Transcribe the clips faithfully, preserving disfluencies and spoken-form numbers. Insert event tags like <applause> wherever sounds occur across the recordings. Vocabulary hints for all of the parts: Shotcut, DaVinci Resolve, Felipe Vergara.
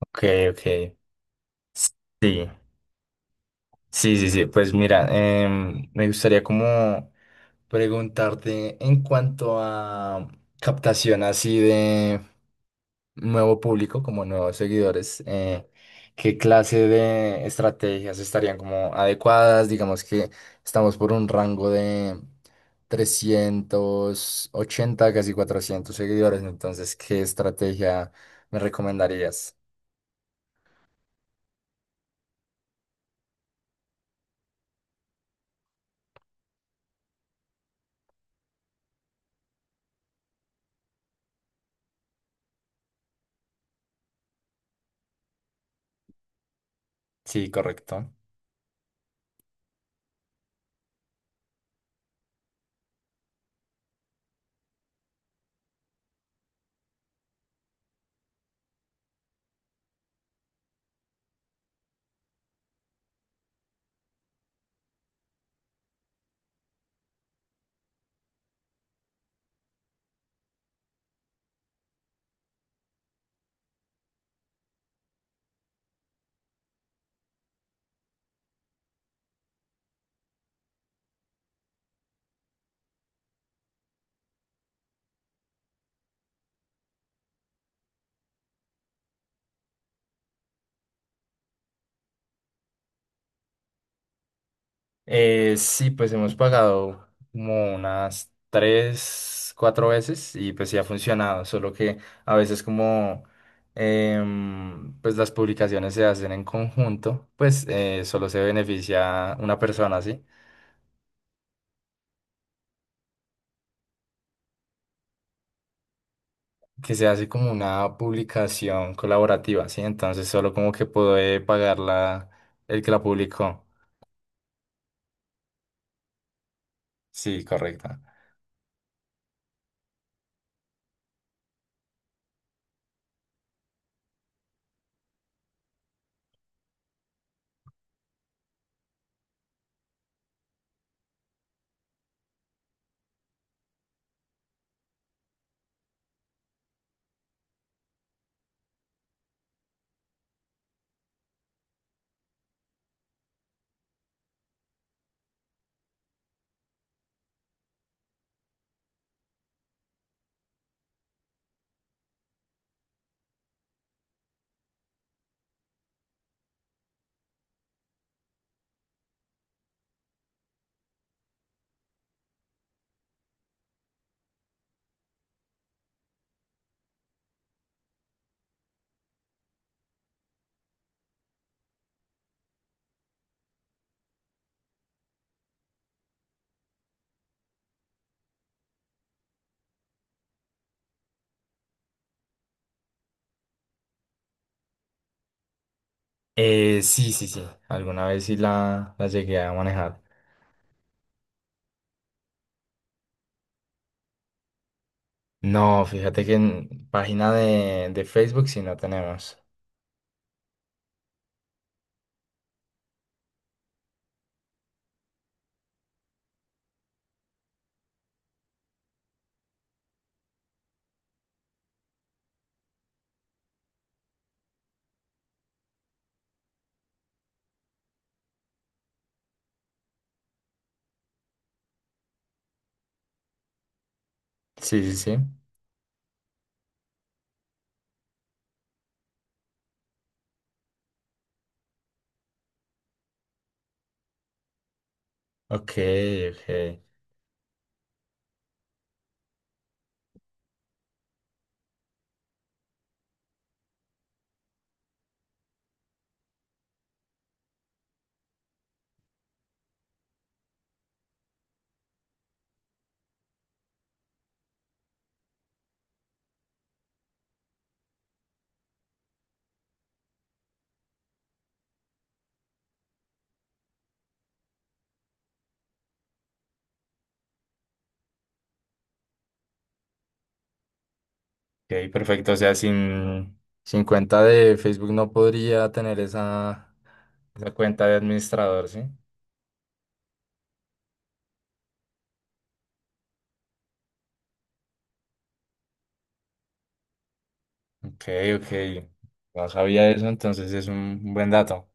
Ok, ok. Sí, sí, sí, sí. Pues mira, em, me gustaría como preguntarte en cuanto a captación así de nuevo público, como nuevos seguidores, eh, ¿qué clase de estrategias estarían como adecuadas? Digamos que estamos por un rango de trescientos ochenta, casi cuatrocientos seguidores, entonces, ¿qué estrategia me recomendarías? Sí, correcto. Eh, sí, pues hemos pagado como unas tres, cuatro veces y pues sí ha funcionado, solo que a veces como em, pues las publicaciones se hacen en conjunto, pues eh, solo se beneficia una persona, ¿sí? Que se hace como una publicación colaborativa, ¿sí? Entonces solo como que puede pagarla el que la publicó. Sí, correcto. Eh, sí, sí, sí, alguna vez sí la, la llegué a manejar. No, fíjate que en página de, de Facebook sí no tenemos. Sí, sí, sí. Ok, ok. Ok, perfecto. O sea, sin, sin cuenta de Facebook no podría tener esa, esa cuenta de administrador, ¿sí? Ok, ok. No sabía eso, entonces es un buen dato.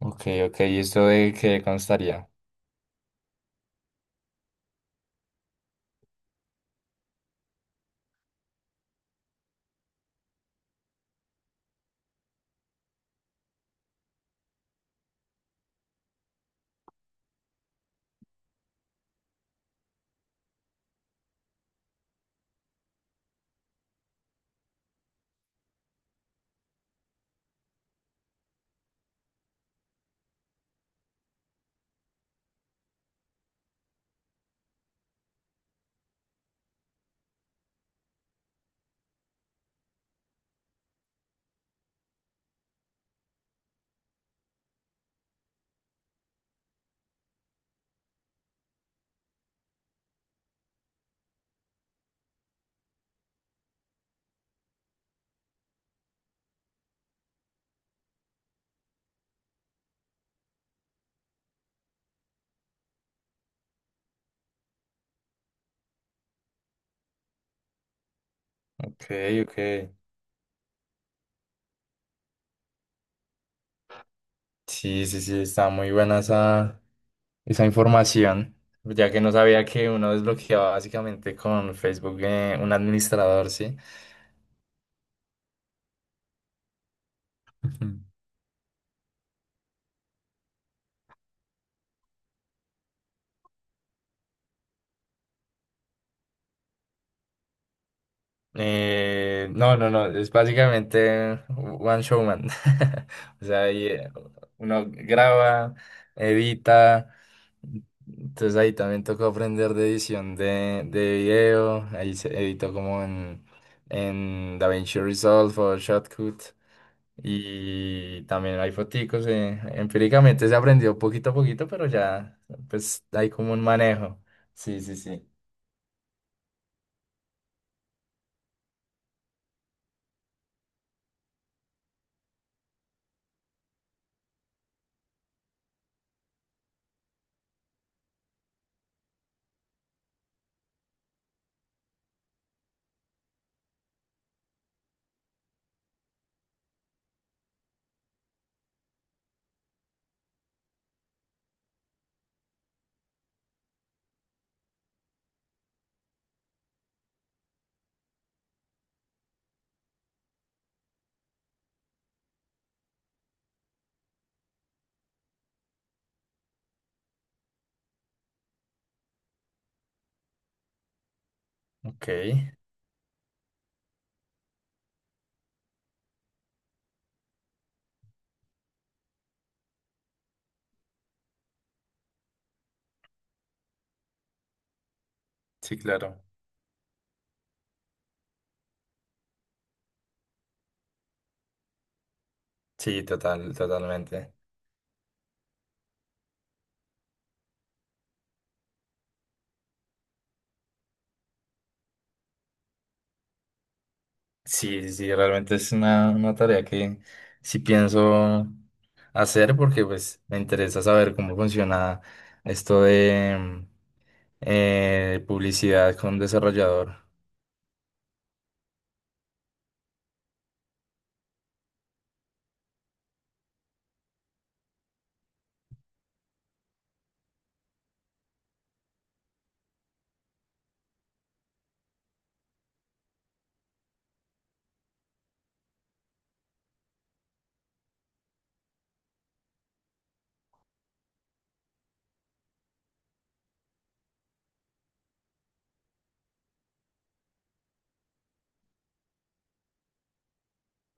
Ok, ok. ¿Y esto de qué constaría? Ok, ok. Sí, sí, sí, está muy buena esa. Esa información, ya que no sabía que uno desbloqueaba básicamente con Facebook eh, un administrador, ¿sí? Ujú. Eh, no, no, no, es básicamente one showman. <laughs> O sea, ahí, eh, uno graba, edita, entonces ahí también tocó aprender de edición de, de video, ahí se editó como en, en DaVinci Resolve o Shotcut. Y también hay foticos, eh, empíricamente se aprendió poquito a poquito, pero ya pues hay como un manejo. Sí, sí, sí. Ok. Sí, claro. Sí, total, totalmente. Sí, sí, sí, realmente es una, una tarea que sí pienso hacer porque pues me interesa saber cómo funciona esto de mm, eh, publicidad con desarrollador.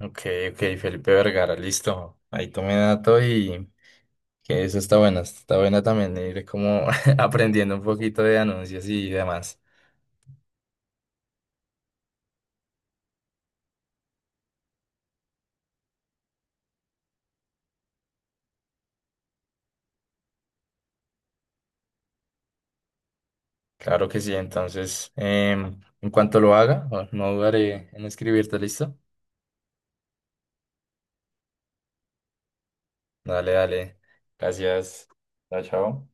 Ok, ok, Felipe Vergara, listo. Ahí tomé dato y que eso está bueno, está bueno también ir como <laughs> aprendiendo un poquito de anuncios y demás. Claro que sí, entonces, em, en cuanto lo haga, no dudaré en escribirte, ¿listo? Dale, dale. Gracias. Chao, chao.